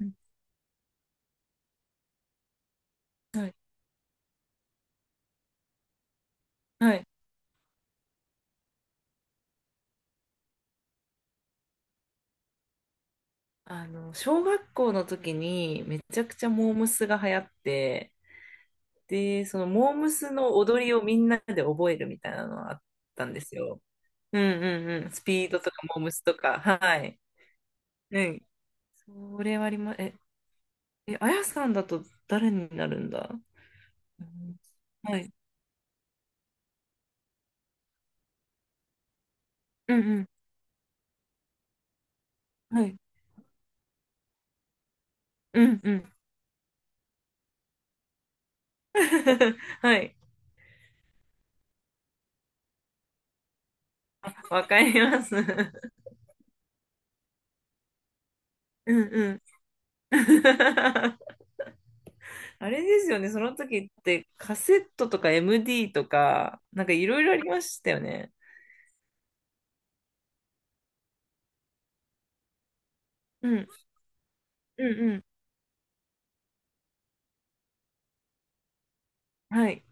うん、はい。はい。小学校の時にめちゃくちゃモームスが流行って、で、そのモームスの踊りをみんなで覚えるみたいなのがあったんですよ。うんうんうん。スピードとかモームスとか。はい。うん。それはありま、え、え、あやさんだと誰になるんだ。うん、はい。うんうん。はい。うんうん。はい。わかります。うんうん。あれですよね、その時ってカセットとか MD とか、なんかいろいろありましたよね。うん、うん、うん。はい、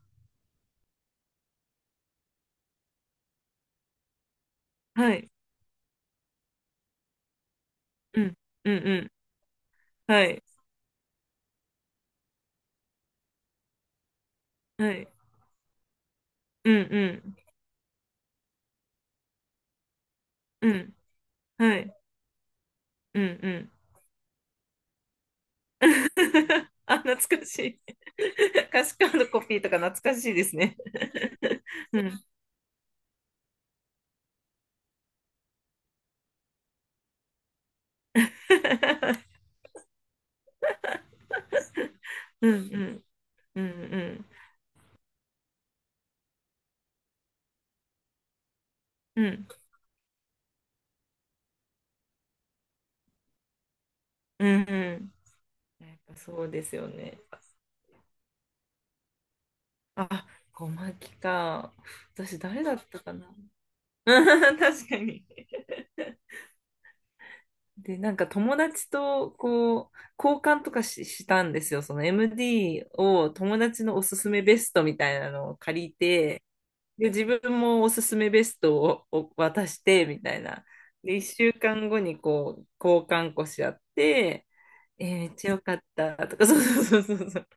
はい、うん、うん、うん。はい、はい、うん、うん、うん、はい、うん、うん。あ、懐かしい。歌詞カードコピーとか懐かしいですね。うん。うん、うん、うん、うん、うん、うん、うん。やっぱそうですよね。あ、小牧か。私誰だったかな。うん 確かに。で、なんか友達とこう、交換とかし、したんですよ。その MD を友達のおすすめベストみたいなのを借りて、で、自分もおすすめベストを、を渡して、みたいな。で、1週間後にこう、交換こし合って、えーめっちゃ良かったとか、そうそうそうそうそう。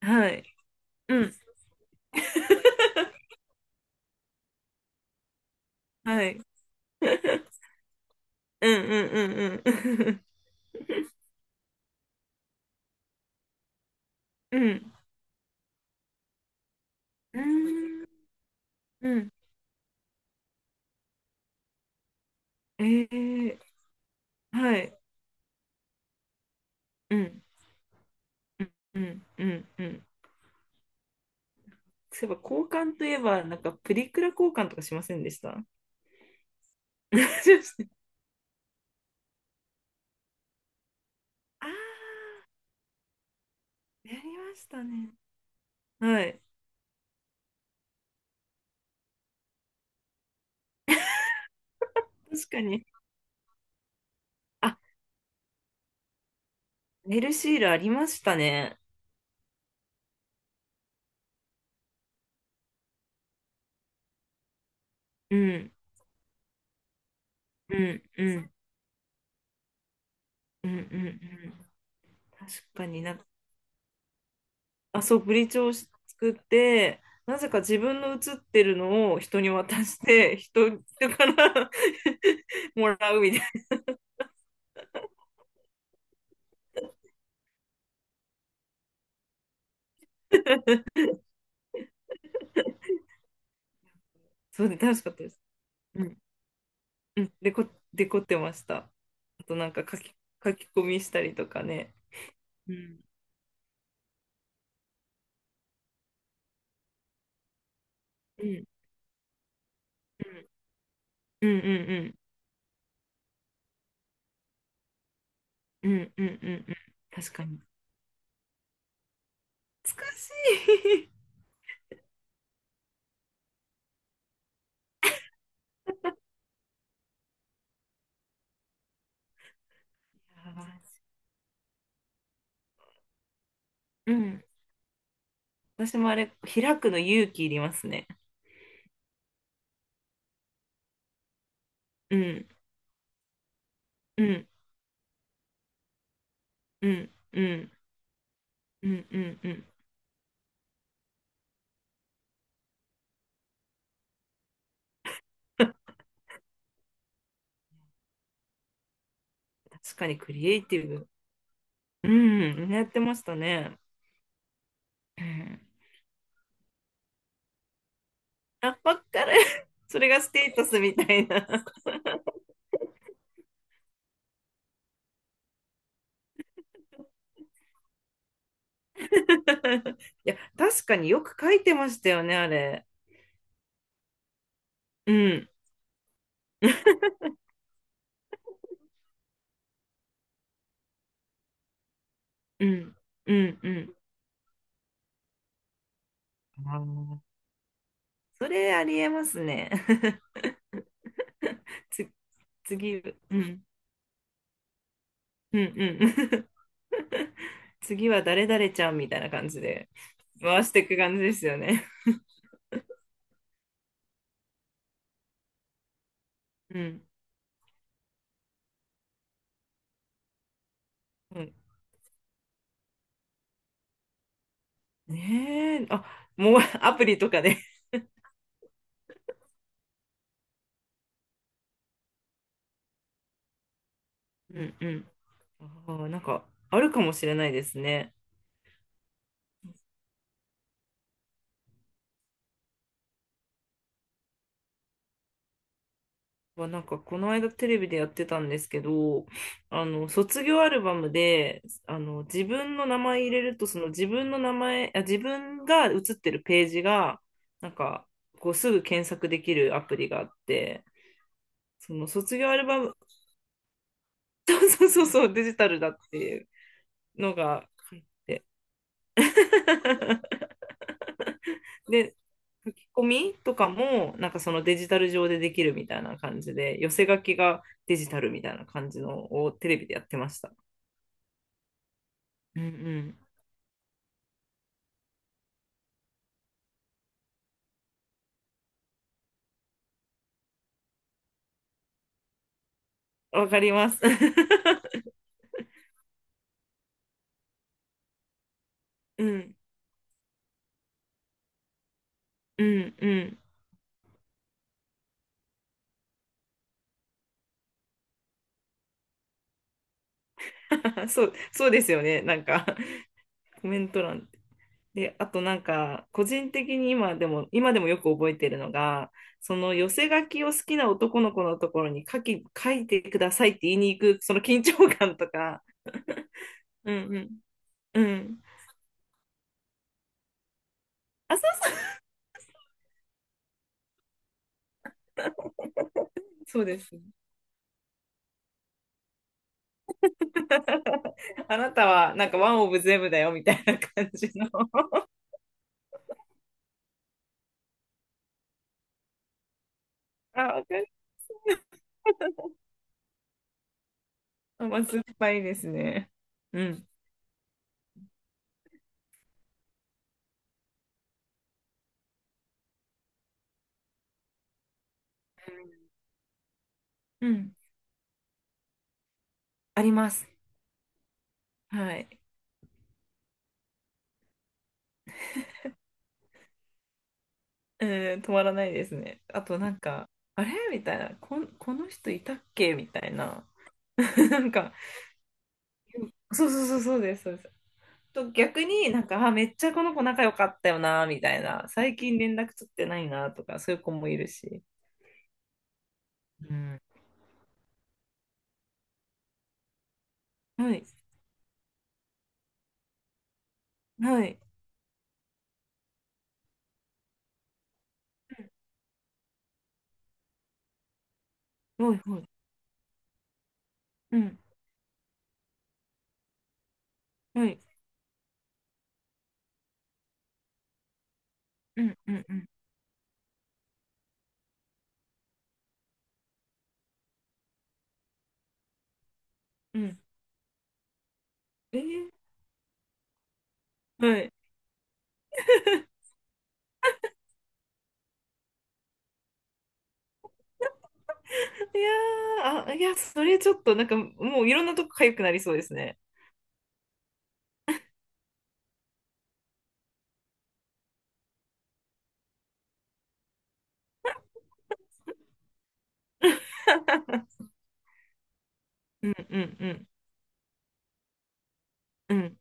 はい。うん。はい。うんうんうんうん。うん。うーん。うん。えー、はい。うん。うんうんうん。そういえば交換といえばなんかプリクラ交換とかしませんでした？ しました。 あーやりましたね。はい。確かに、あ、ネルシールありましたね。うんうんうんうんうんうん。確かに。なんか、あ、そうブリーチを作って、なぜか自分の写ってるのを人に渡して、人から もらうみたいな。そうで楽しかったです。うん、デコ、デコってました。あとなんか書き、書き込みしたりとかね。うん。うん。うん。うん。うん。うん。うん。うんうん。確かに。難しい。やばい。うん。私もあれ、開くの勇気いりますね。うん。うん。うん。うん。うん。うん。うん 確かにクリエイティブ。うん。やってましたね。うん。あ、ばっかり。それがステータスみたいな。いや、確かによく書いてましたよね、あれ。うん、うん、うん、うん。あー、それありえますね。つ、次、うん、うん、うん。次は誰々ちゃんみたいな感じで回していく感じですよね。うん、うん。ねえ、あ、もうアプリとかで。うん、うん。あー、なんかあるかもしれないですね。はなんかこの間テレビでやってたんですけど、あの卒業アルバムであの自分の名前入れるとその自分の名前、あ、自分が写ってるページがなんかこうすぐ検索できるアプリがあって、その卒業アルバム、そうそうそうそうデジタルだっていうのが。 で、書き込みとかもなんかそのデジタル上でできるみたいな感じで、寄せ書きがデジタルみたいな感じのをテレビでやってました。うんうん、わかります。うん、うん、うん。そう、そうですよね。なんか、コメント欄。で、あとなんか、個人的に今でも、今でもよく覚えてるのが、その寄せ書きを好きな男の子のところに書いてくださいって言いに行く、その緊張感とか。うんうん。うん。あ、そう、そうです。あなたはなんかワンオブゼブだよみたいな感じの。あ、わかる。甘酸っぱいですね。うん。うん。あります。はい。うん、止まらないですね。あとなんか、あれみたいな、この人いたっけみたいな。なんか、そうそうそうそうです、そうです。と逆になんか、あ、めっちゃこの子仲良かったよな、みたいな。最近連絡取ってないな、とか、そういう子もいるし。うん。はい。はい。うん、はい。はい。うん。はい。うん。うん。うん。うん、えー、はい。いやー、それちょっとなんか、もういろんなとこ痒くなりそうですね。うんうんうん。うん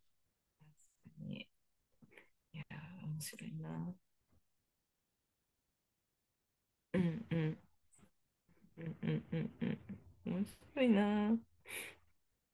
に。いや面白いな。うんうんうんうんうんうん。面白いな。